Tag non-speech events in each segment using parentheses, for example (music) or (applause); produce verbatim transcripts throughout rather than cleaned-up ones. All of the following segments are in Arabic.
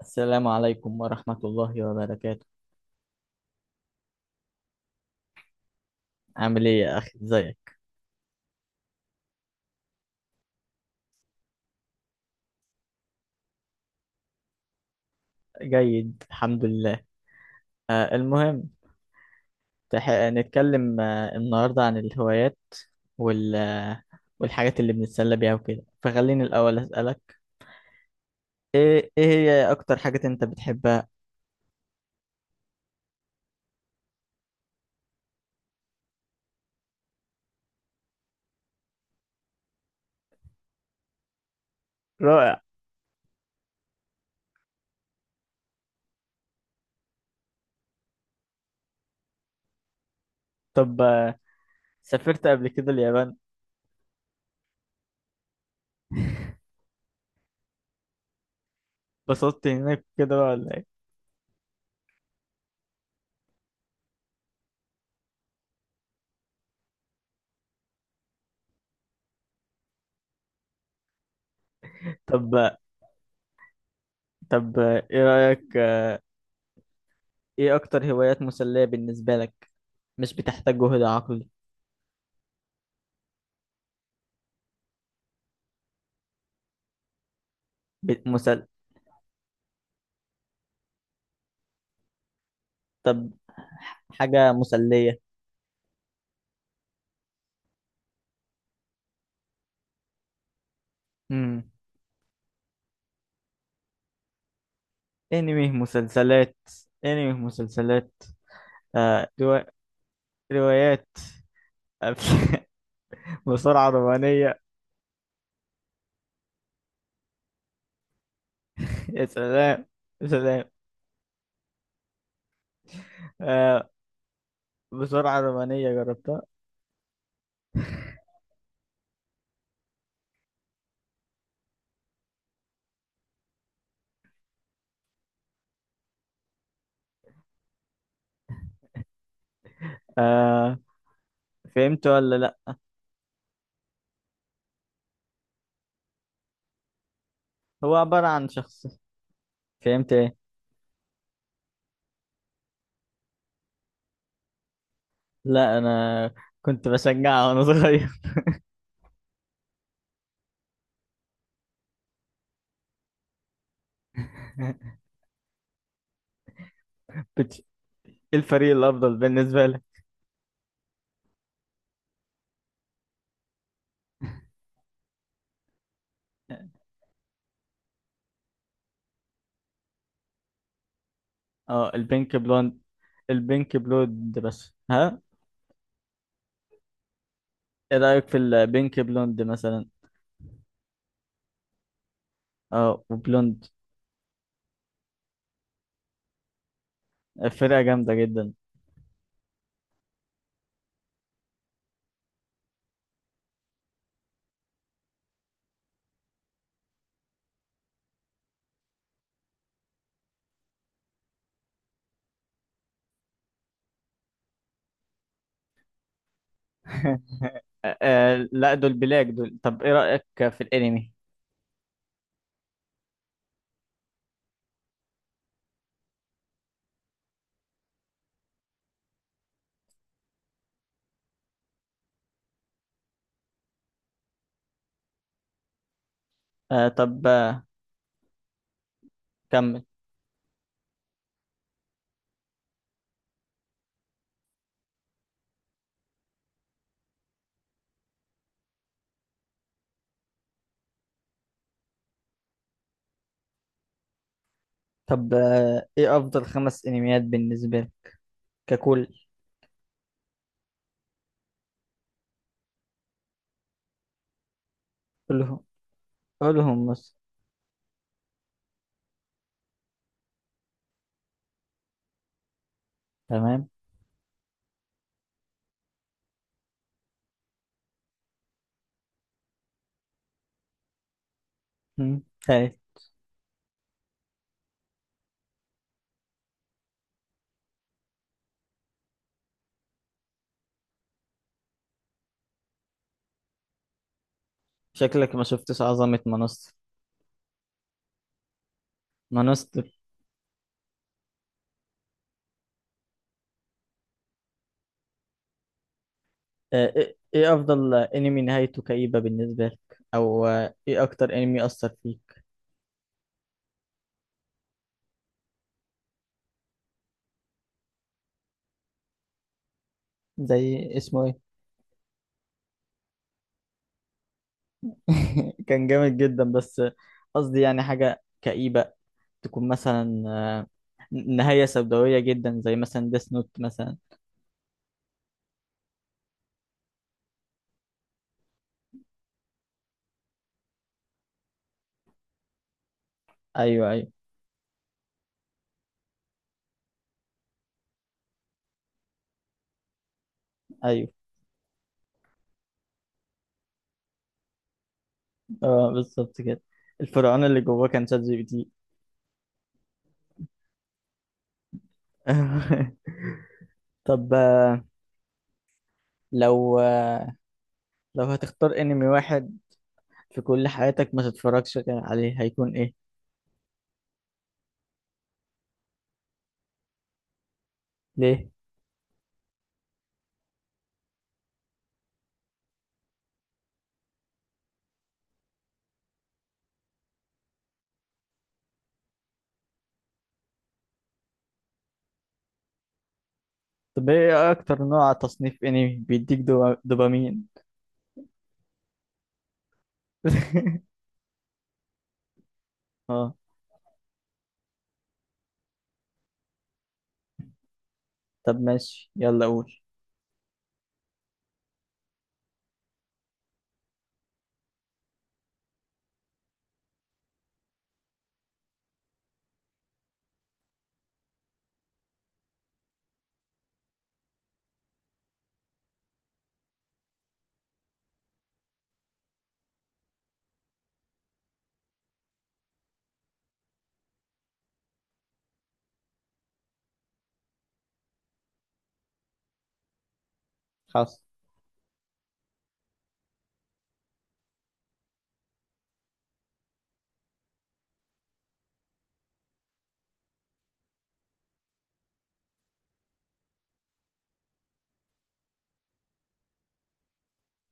السلام عليكم ورحمة الله وبركاته. عامل ايه يا اخي، ازيك؟ جيد الحمد لله. آه المهم، تح... نتكلم آه النهاردة عن الهوايات وال... آه، والحاجات اللي بنتسلى بيها وكده، فخليني الاول اسألك: ايه ايه هي اكتر حاجة انت بتحبها؟ رائع. طب آه سافرت قبل كده اليابان؟ اتبسطت هناك كده بقى ولا ايه؟ طب آه، طب آه، ايه رأيك، آه، ايه اكتر هوايات مسلية بالنسبة لك؟ مش بتحتاج جهد عقلي؟ ب- مسل... طب، حاجة مسلية. امم انمي، مسلسلات. انمي، مسلسلات. آه روا... روايات. أف- (laughs) بسرعة، رومانية. يا سلام، يا سلام. آه بسرعة رومانية جربتها؟ آه فهمت ولا لا؟ هو عبارة عن شخص. فهمت ايه؟ لا، انا كنت بشجعها وانا صغير. (laughs) بت... إيه الفريق الافضل بالنسبة لك؟ اه، البينك بلوند. البينك بلود، بس ها. ايه رأيك في البينك بلوند مثلا؟ اه، وبلوند. فرقة جامدة جدا. (laughs) آه لا، دول بلاك دول. طب ايه رأيك في الانمي؟ آه طب آه كمل. طب، آه ايه افضل خمس انميات بالنسبة لك ككل؟ كلهم، كلهم مصر. تمام. مم. خير. شكلك ما شفتش عظمة مانستر. مانستر. آه ايه إيه افضل انمي نهايته كئيبة بالنسبة لك، او آه ايه اكتر انمي اثر فيك؟ زي اسمه. (laughs) كان جامد جدا، بس قصدي يعني حاجة كئيبة، تكون مثلا آه، نهاية سوداوية جدا، زي مثلا ديس نوت مثلا. ايوه، ايوه، ايوه. اه، بالظبط كده. الفرعون اللي جواه كان شات جي بي تي. (laughs) طب، آه، لو آه، لو هتختار انمي واحد في كل حياتك ما تتفرجش عليه، هيكون ايه؟ ليه؟ طب ايه اكتر نوع تصنيف انمي بيديك دو- دوبامين؟ (laughs) اه. طب ماشي، يلا قول. حصل.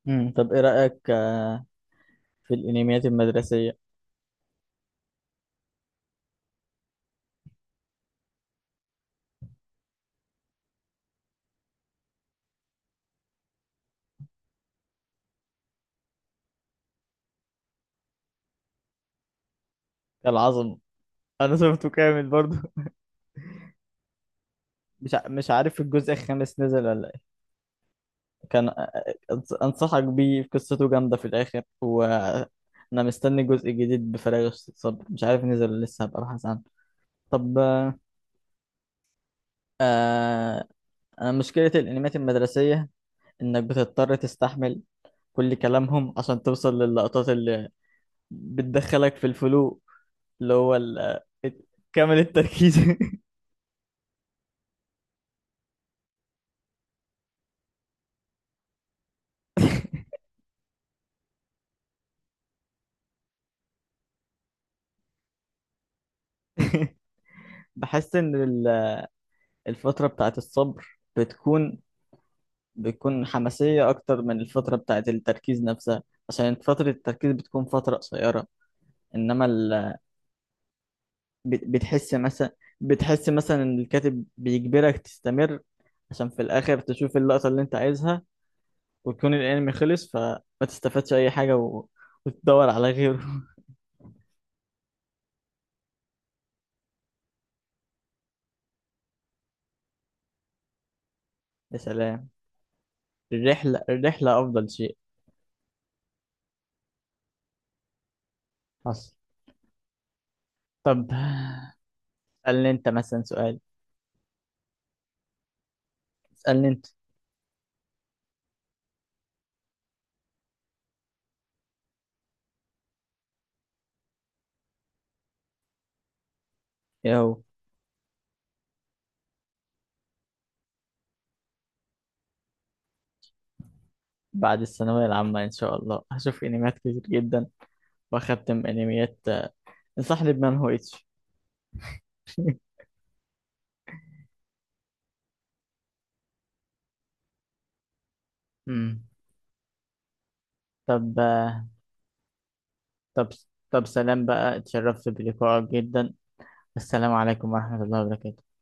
مم. طب ايه رأيك آه، في الانميات المدرسية؟ العظم؟ انا شفته كامل برضو. (laughs) مش ع- مش عارف الجزء الخامس نزل ولا ايه. كان آه، أنص- انصحك بيه، قصته جامدة في الاخر، وانا مستني جزء جديد بفراغ الصبر، مش عارف نزل ولا لسه هبقى ابحث عنه. طب آه آه، أنا مشكلة الانميات المدرسية انك بتضطر تستحمل كل كلامهم عشان توصل للقطات اللي بتدخلك في الفلو، اللي هو ال- آه، كامل التركيز. (laughs) بحس ان ال- الفترة بتاعت الصبر بتكون بتكون حماسية اكتر من الفترة بتاعت التركيز نفسها، عشان فترة التركيز بتكون فترة قصيرة، انما ال... بت- بتحس مثلا بتحس مثلا ان الكاتب بيجبرك تستمر عشان في الاخر تشوف اللقطة اللي انت عايزها، ويكون الانمي خلص فما تستفادش اي حاجة و... وتدور على غيره. (laughs) يا سلام. الرحلة، الرحلة افضل شيء. حصل. طب اسألني انت مثلا سؤال. اسألني انت. ايه هو؟ بعد الثانوية العامة إن شاء الله هشوف أنميات كتير جدا وأختم أنميات. انصحني بمان هو إتش. (laughs) امم طب آه، طب طب سلام بقى، اتشرفت بلقائك جدا. السلام عليكم ورحمة الله وبركاته.